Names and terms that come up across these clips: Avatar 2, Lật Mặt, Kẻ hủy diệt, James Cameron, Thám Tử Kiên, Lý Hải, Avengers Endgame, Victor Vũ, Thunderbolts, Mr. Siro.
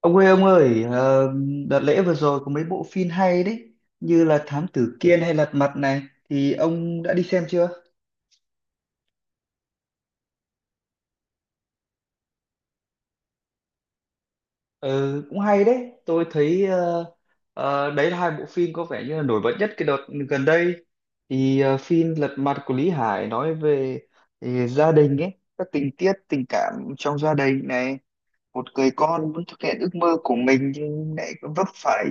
Ông ơi, đợt lễ vừa rồi có mấy bộ phim hay đấy, như là Thám Tử Kiên hay Lật Mặt này, thì ông đã đi xem chưa? Ừ, cũng hay đấy, tôi thấy đấy là hai bộ phim có vẻ như là nổi bật nhất cái đợt gần đây. Thì phim Lật Mặt của Lý Hải nói về gia đình ấy, các tình tiết tình cảm trong gia đình này, một người con muốn thực hiện ước mơ của mình nhưng lại vấp phải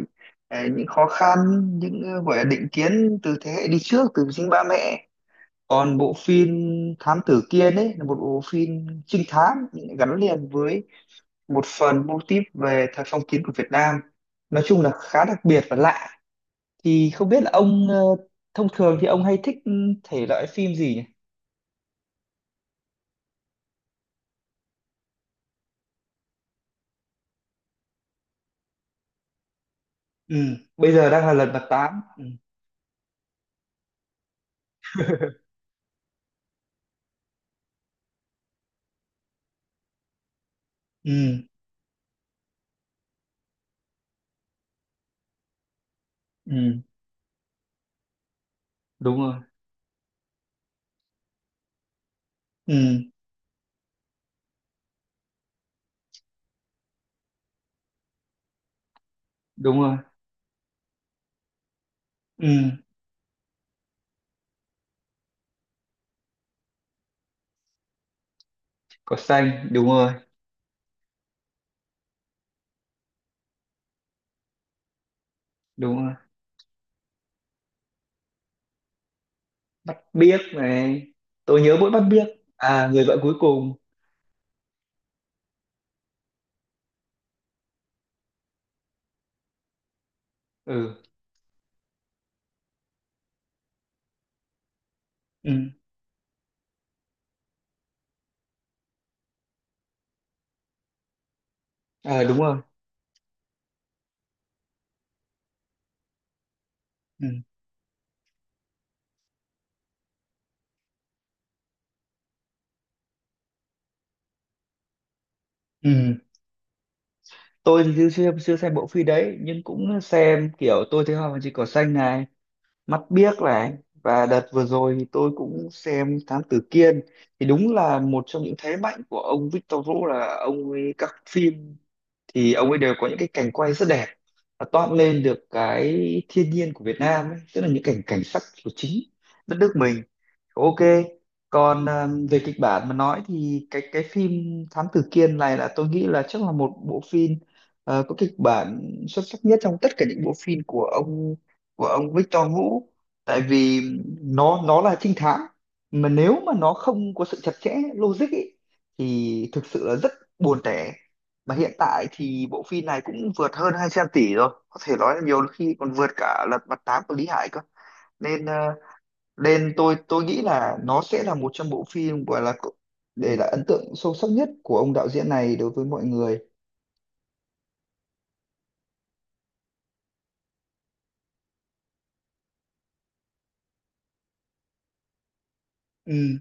những khó khăn, những gọi là định kiến từ thế hệ đi trước, từ chính ba mẹ. Còn bộ phim Thám Tử Kiên ấy là một bộ phim trinh thám nhưng lại gắn liền với một phần mô típ về thời phong kiến của Việt Nam, nói chung là khá đặc biệt và lạ. Thì không biết là ông thông thường thì ông hay thích, ừ, thể loại phim gì nhỉ? Ừ, bây giờ đang là lần mặt tám. Ừ. Ừ. Ừ đúng rồi. Ừ đúng rồi. Ừ. Có xanh đúng rồi. Đúng rồi. Bắt biếc này. Tôi nhớ mỗi bắt biếc. À, người vợ cuối cùng. Ừ. Ừ. À, đúng rồi. Ừ. Ừ, tôi thì chưa chưa chưa xem bộ phim đấy, nhưng cũng xem kiểu tôi thấy hoa và chỉ có xanh này, mắt biếc này. Và đợt vừa rồi thì tôi cũng xem Thám Tử Kiên. Thì đúng là một trong những thế mạnh của ông Victor Vũ là ông ấy các phim thì ông ấy đều có những cái cảnh quay rất đẹp và toát lên được cái thiên nhiên của Việt Nam ấy, tức là những cảnh cảnh sắc của chính đất nước mình. Ok, còn à, về kịch bản mà nói thì cái phim Thám Tử Kiên này là tôi nghĩ là chắc là một bộ phim có kịch bản xuất sắc nhất trong tất cả những bộ phim của ông, của ông Victor Vũ. Tại vì nó là trinh thám mà nếu mà nó không có sự chặt chẽ logic ý, thì thực sự là rất buồn tẻ. Mà hiện tại thì bộ phim này cũng vượt hơn 200 tỷ rồi, có thể nói là nhiều khi còn vượt cả Lật Mặt 8 của Lý Hải cơ. Nên nên tôi nghĩ là nó sẽ là một trong bộ phim gọi là để lại ấn tượng sâu sắc nhất của ông đạo diễn này đối với mọi người. Ừ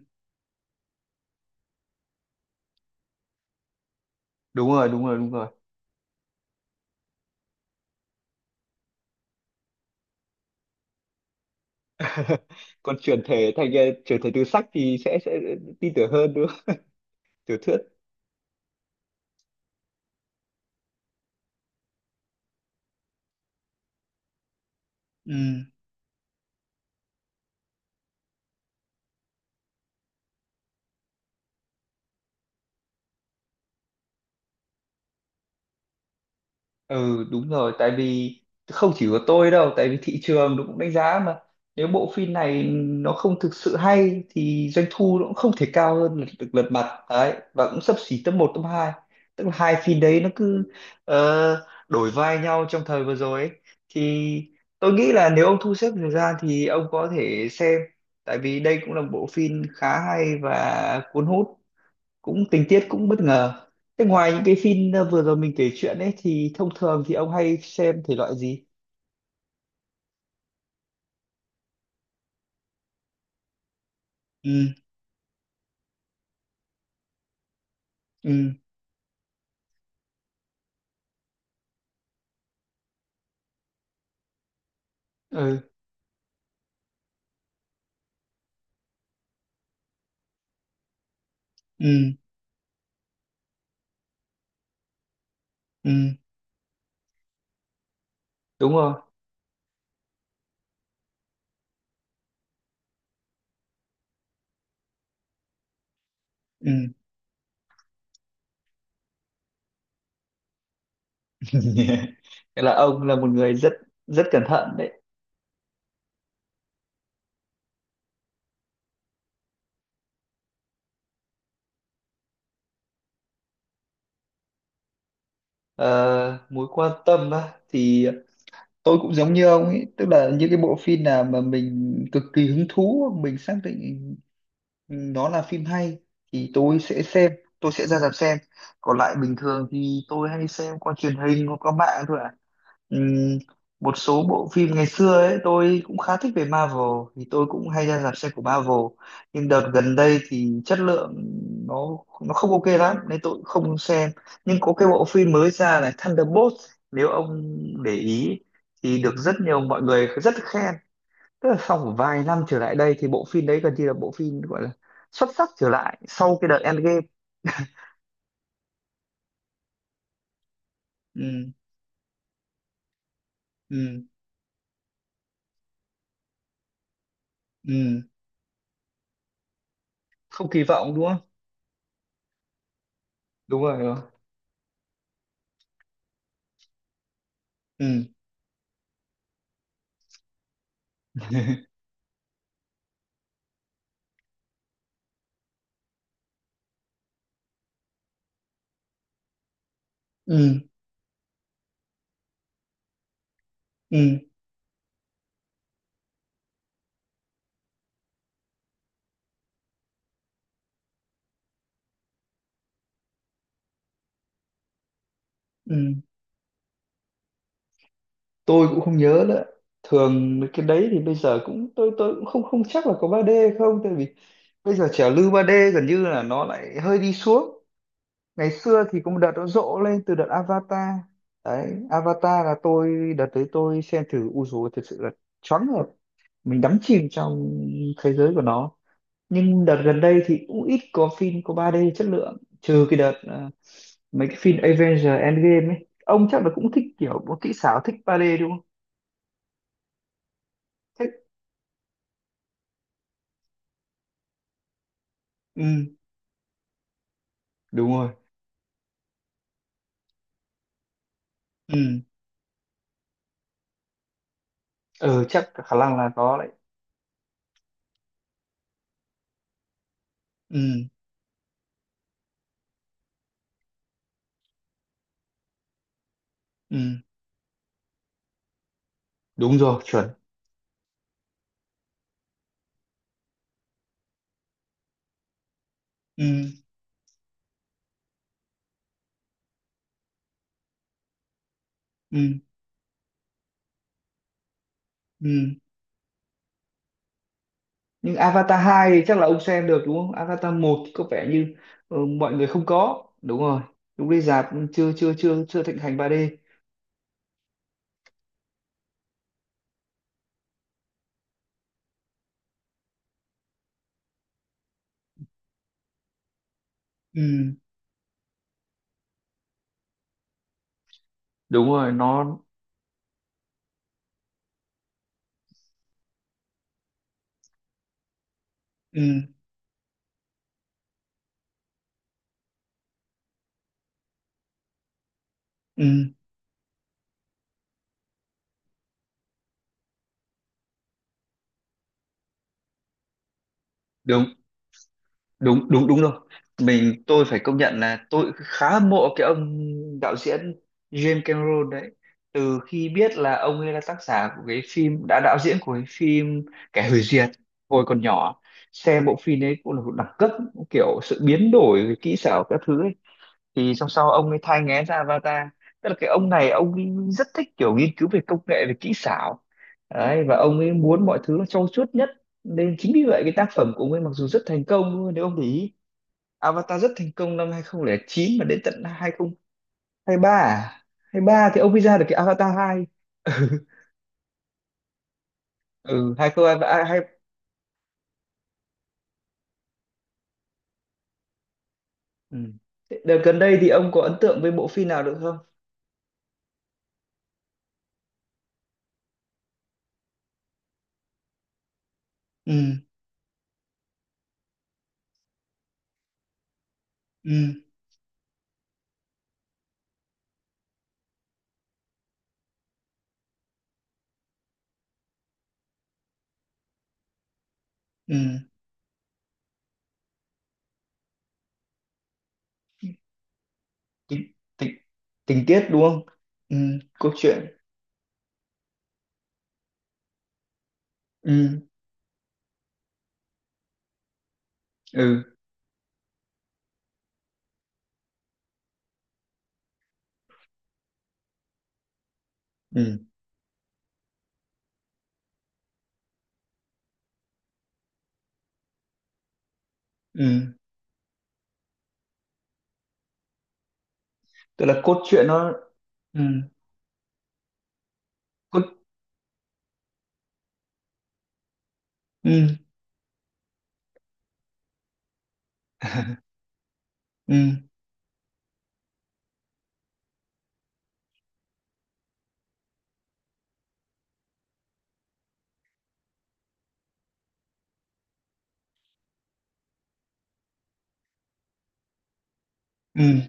đúng rồi, đúng rồi, đúng rồi. Còn chuyển thể thành chuyển thể từ sách thì sẽ tin tưởng hơn nữa, tiểu thuyết. Ừ. Ừ đúng rồi. Tại vì không chỉ có tôi đâu, tại vì thị trường nó cũng đánh giá mà. Nếu bộ phim này nó không thực sự hay thì doanh thu nó cũng không thể cao hơn lật, được lật mặt đấy, và cũng xấp xỉ top 1 top 2, tức là hai phim đấy nó cứ đổi vai nhau trong thời vừa rồi ấy. Thì tôi nghĩ là nếu ông thu xếp thời gian thì ông có thể xem, tại vì đây cũng là một bộ phim khá hay và cuốn hút, cũng tình tiết cũng bất ngờ. Thế ngoài những cái phim vừa rồi mình kể chuyện ấy thì thông thường thì ông hay xem thể loại gì? Ừ. Ừ. Ừ. Ừ. Ừ đúng rồi. Ừ. Nghĩa là ông là một người rất rất cẩn thận đấy. Ờ, mối quan tâm á, thì tôi cũng giống như ông ấy, tức là những cái bộ phim nào mà mình cực kỳ hứng thú mình xác định nó là phim hay thì tôi sẽ xem, tôi sẽ ra rạp xem. Còn lại bình thường thì tôi hay xem qua truyền hình hoặc qua mạng thôi ạ. Ừm, một số bộ phim ngày xưa ấy tôi cũng khá thích về Marvel, thì tôi cũng hay ra rạp xem của Marvel. Nhưng đợt gần đây thì chất lượng nó không ok lắm nên tôi cũng không xem. Nhưng có cái bộ phim mới ra này, Thunderbolts, nếu ông để ý thì được rất nhiều mọi người rất khen, tức là sau một vài năm trở lại đây thì bộ phim đấy gần như là bộ phim gọi là xuất sắc trở lại sau cái đợt Endgame. Ừ. Ừ. Ừ. Không kỳ vọng đúng không? Đúng rồi, đúng rồi. Ừ. Ừ. Ừ. Ừ, tôi cũng không nhớ nữa. Thường mấy cái đấy thì bây giờ cũng tôi cũng không, không chắc là có ba d không, tại vì bây giờ trào lưu ba d gần như là nó lại hơi đi xuống. Ngày xưa thì có một đợt nó rộ lên từ đợt Avatar, đấy Avatar là tôi đợt đấy tôi xem thử u dù thật sự là choáng ngợp, mình đắm chìm trong thế giới của nó. Nhưng đợt gần đây thì cũng ít có phim có 3D chất lượng, trừ cái đợt mấy cái phim Avengers Endgame ấy, ông chắc là cũng thích kiểu có kỹ xảo, thích 3D đúng không? Thích. Ừ đúng rồi. Ừ. Ừ chắc khả năng là có đấy. Ừ. Ừ đúng rồi, chuẩn. Ừ. Ừ. Ừ. Nhưng Avatar 2 thì chắc là ông xem được đúng không? Avatar 1 thì có vẻ như mọi người không có, đúng rồi, lúc đi rạp chưa chưa chưa chưa thịnh hành 3D. Ừ đúng rồi nó. Ừ. Ừ đúng, đúng, đúng, đúng rồi. Mình tôi phải công nhận là tôi khá hâm mộ cái ông đạo diễn James Cameron đấy, từ khi biết là ông ấy là tác giả của cái phim, đã đạo diễn của cái phim Kẻ hủy diệt. Hồi còn nhỏ xem bộ phim ấy cũng là một đẳng cấp, kiểu sự biến đổi kỹ xảo các thứ ấy. Thì xong sau ông ấy thai nghén ra Avatar, tức là cái ông này ông ấy rất thích kiểu nghiên cứu về công nghệ, về kỹ xảo đấy, và ông ấy muốn mọi thứ nó trau chuốt nhất. Nên chính vì vậy cái tác phẩm của ông ấy mặc dù rất thành công luôn, nếu ông để ý, Avatar rất thành công năm hai không không chín, mà đến tận 2023 à? Hai ba thì ông mới ra được cái Avatar 2. Ừ 2022, hai. Ừ. Thế đợt gần đây thì ông có ấn tượng với bộ phim nào được không? Ừ. Ừ. Ừ tình, tình, tình tiết đúng không? Ừ câu chuyện. Ừ. Ừ. Ừ. Ừ tức là cốt truyện nó. Ừ cốt. Ừ. Ừ. Ừ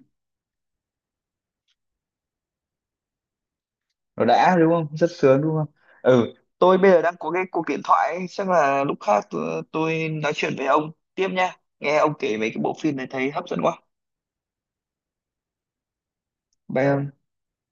nó đã đúng không, rất sướng đúng không? Ừ tôi bây giờ đang có cái cuộc điện thoại ấy. Chắc là lúc khác tôi nói chuyện với ông tiếp nha, nghe ông kể về cái bộ phim này thấy hấp dẫn quá. Bye ông.